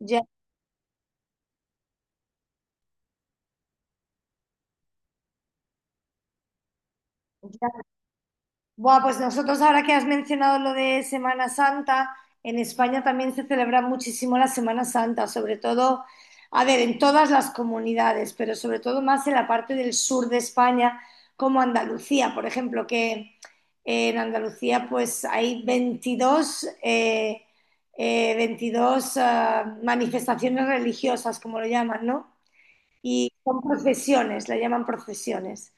Ya, ya. Buah, pues nosotros ahora que has mencionado lo de Semana Santa, en España también se celebra muchísimo la Semana Santa, sobre todo, a ver, en todas las comunidades, pero sobre todo más en la parte del sur de España, como Andalucía, por ejemplo, que en Andalucía pues hay 22, 22 manifestaciones religiosas, como lo llaman, ¿no? Y son procesiones, la llaman procesiones.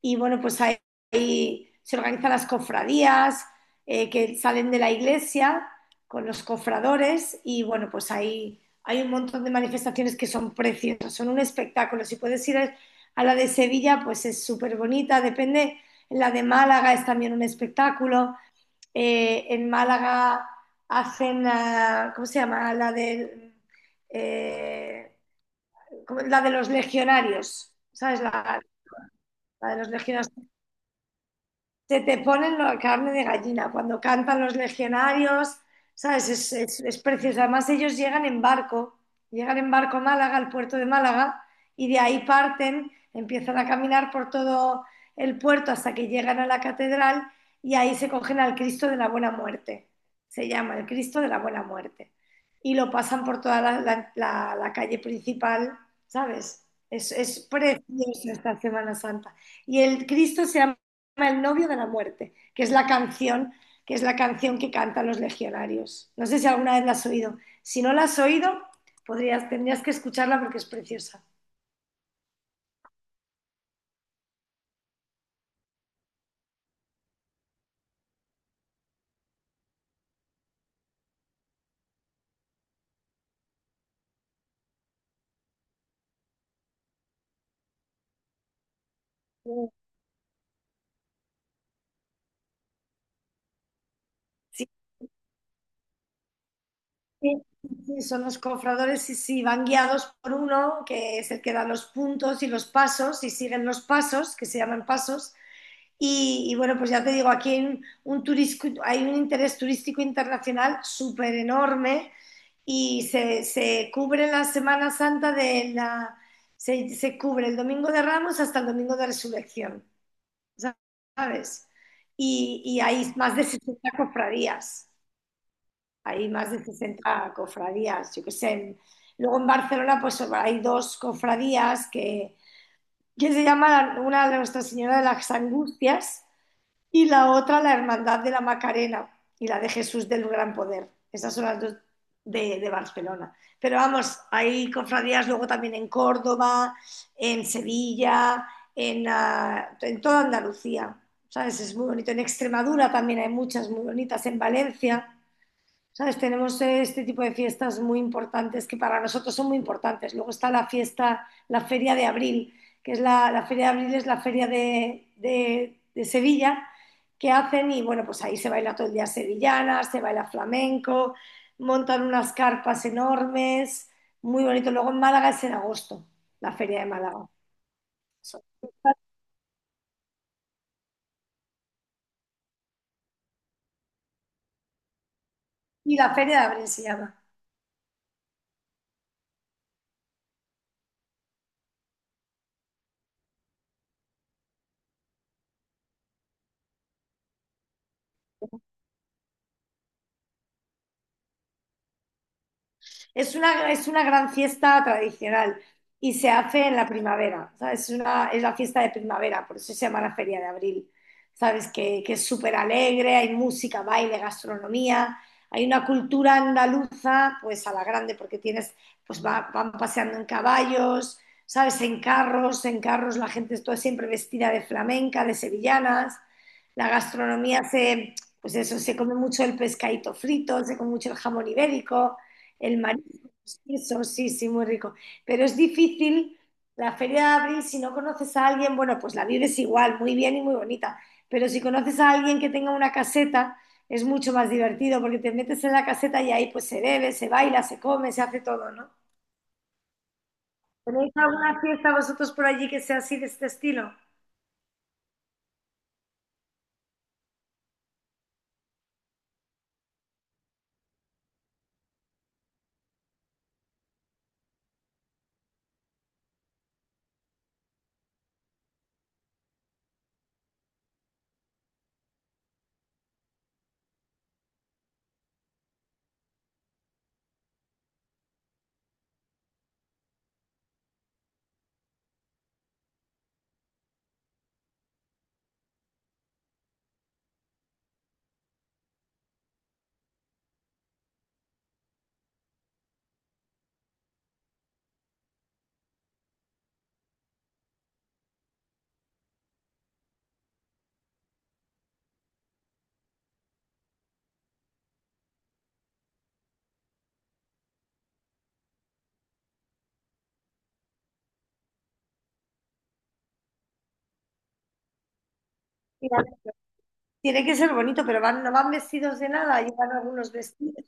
Y bueno, pues ahí se organizan las cofradías que salen de la iglesia con los cofradores y bueno, pues ahí hay un montón de manifestaciones que son preciosas, son un espectáculo. Si puedes ir a la de Sevilla, pues es súper bonita, depende. La de Málaga es también un espectáculo. En Málaga hacen, ¿cómo se llama? Eh, la de los legionarios, ¿sabes? La de los legionarios. Se te ponen la carne de gallina cuando cantan los legionarios, ¿sabes? Es precioso. Además, ellos llegan en barco a Málaga, al puerto de Málaga, y de ahí parten, empiezan a caminar por todo el puerto hasta que llegan a la catedral y ahí se cogen al Cristo de la Buena Muerte. Se llama el Cristo de la Buena Muerte. Y lo pasan por toda la calle principal, ¿sabes? Es precioso esta Semana Santa. Y el Cristo se llama el novio de la muerte, que es la canción, que es la canción que cantan los legionarios. No sé si alguna vez la has oído. Si no la has oído, podrías, tendrías que escucharla porque es preciosa. Sí, sí, sí, son los cofradores y sí, van guiados por uno, que es el que da los puntos y los pasos, y siguen los pasos, que se llaman pasos. Y bueno, pues ya te digo, aquí hay un turisco- hay un interés turístico internacional súper enorme y se cubre la Semana Santa de la... se cubre el Domingo de Ramos hasta el Domingo de Resurrección, ¿sabes? Y hay más de 60 cofradías, hay más de 60 cofradías, yo qué sé. Luego en Barcelona pues hay dos cofradías que se llama una de Nuestra Señora de las Angustias y la otra la Hermandad de la Macarena y la de Jesús del Gran Poder. Esas son las dos de Barcelona. Pero vamos, hay cofradías luego también en Córdoba, en Sevilla, en, en toda Andalucía. ¿Sabes? Es muy bonito. En Extremadura también hay muchas muy bonitas, en Valencia. ¿Sabes? Tenemos este tipo de fiestas muy importantes que para nosotros son muy importantes. Luego está la fiesta, la Feria de Abril, que es la Feria de Abril, es la Feria de Sevilla que hacen y bueno, pues ahí se baila todo el día sevillana, se baila flamenco, montan unas carpas enormes, muy bonito. Luego en Málaga es en agosto, la Feria de Málaga. Eso. Y la Feria de Abril se llama. Es una gran fiesta tradicional y se hace en la primavera, ¿sabes? Es, una, es la fiesta de primavera, por eso se llama la Feria de Abril, ¿sabes? Que es súper alegre, hay música, baile, gastronomía, hay una cultura andaluza, pues a la grande, porque tienes, pues van paseando en caballos, ¿sabes? En carros la gente está siempre vestida de flamenca, de sevillanas, la gastronomía se, pues eso, se come mucho el pescadito frito, se come mucho el jamón ibérico, el marisco eso sí, sí, muy rico. Pero es difícil la feria de abril si no conoces a alguien, bueno, pues la vives igual, muy bien y muy bonita. Pero si conoces a alguien que tenga una caseta, es mucho más divertido porque te metes en la caseta y ahí pues se bebe, se baila, se come, se hace todo, ¿no? ¿Tenéis alguna fiesta vosotros por allí que sea así de este estilo? Mira, tiene que ser bonito, pero van, no van vestidos de nada, llevan algunos vestidos.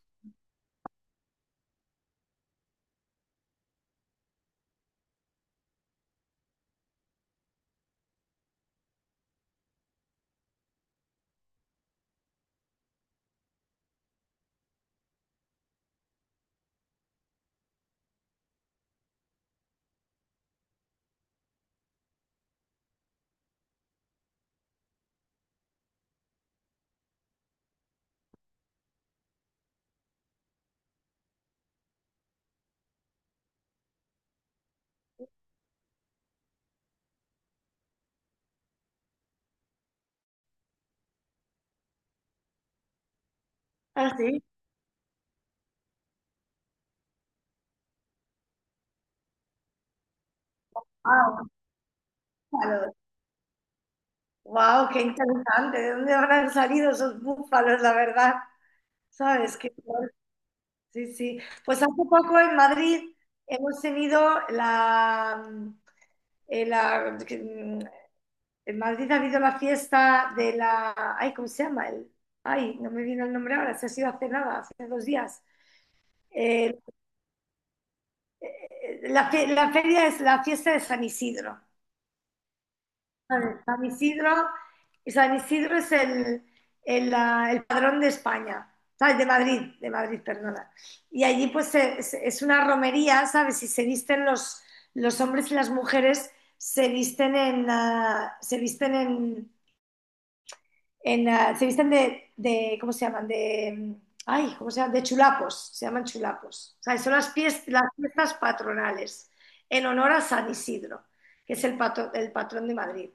Ah, sí. Wow, qué interesante. ¿De dónde habrán salido esos búfalos, la verdad? ¿Sabes qué? Guay. Sí, sí. Pues hace poco en Madrid hemos tenido eh, la- en Madrid ha habido la fiesta de la, ay, ¿cómo se llama? El, ay, no me viene el nombre ahora, se ha sido hace nada, hace dos días. Eh, la, la feria es la fiesta de San Isidro. Vale, San Isidro, San Isidro es el padrón de España, ¿sabes? De Madrid, perdona. Y allí pues es una romería, ¿sabes? Y se visten los hombres y las mujeres, se visten se visten se visten ¿cómo se llaman? ¿Cómo se llaman? De chulapos, se llaman chulapos. O sea, son las fiestas patronales en honor a San Isidro, que es el patrón de Madrid.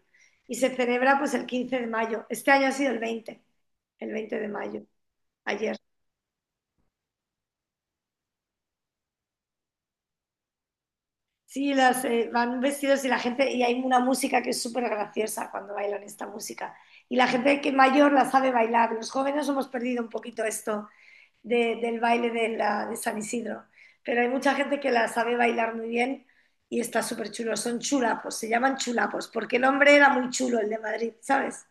Y se celebra pues el 15 de mayo. Este año ha sido el 20 de mayo, ayer. Sí, las, van vestidos y la gente, y hay una música que es súper graciosa cuando bailan esta música. Y la gente que mayor la sabe bailar. Los jóvenes hemos perdido un poquito esto del baile de San Isidro. Pero hay mucha gente que la sabe bailar muy bien y está súper chulo. Son chulapos, se llaman chulapos, porque el hombre era muy chulo, el de Madrid, ¿sabes?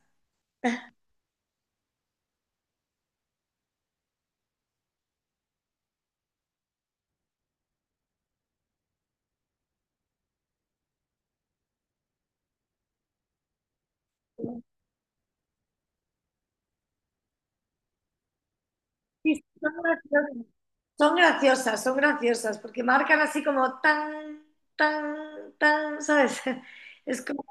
Sí, sí, son graciosas, son graciosas, son graciosas, porque marcan así como tan, tan, tan, ¿sabes? Es como,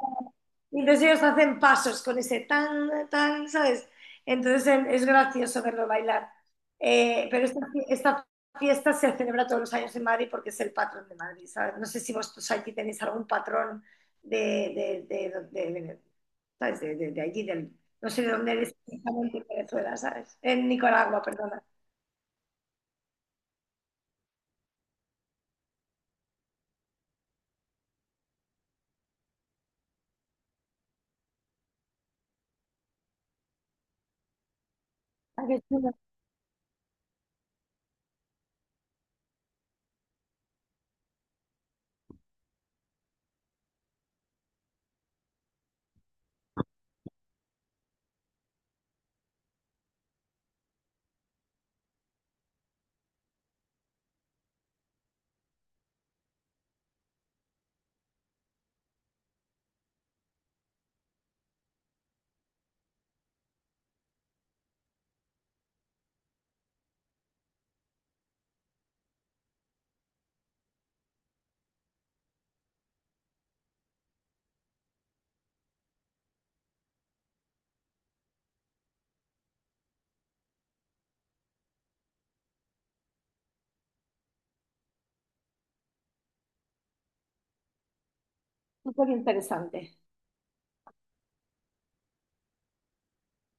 y entonces ellos hacen pasos con ese tan, tan, ¿sabes? Entonces es gracioso verlo bailar. Pero esta, esta fiesta se celebra todos los años en Madrid porque es el patrón de Madrid, ¿sabes? No sé si vosotros aquí tenéis algún patrón de, de, de, de- de- ¿sabes? De allí, del, no sé de dónde eres exactamente en Venezuela, ¿sabes? En Nicaragua, perdona. Ah, qué chulo, súper interesante.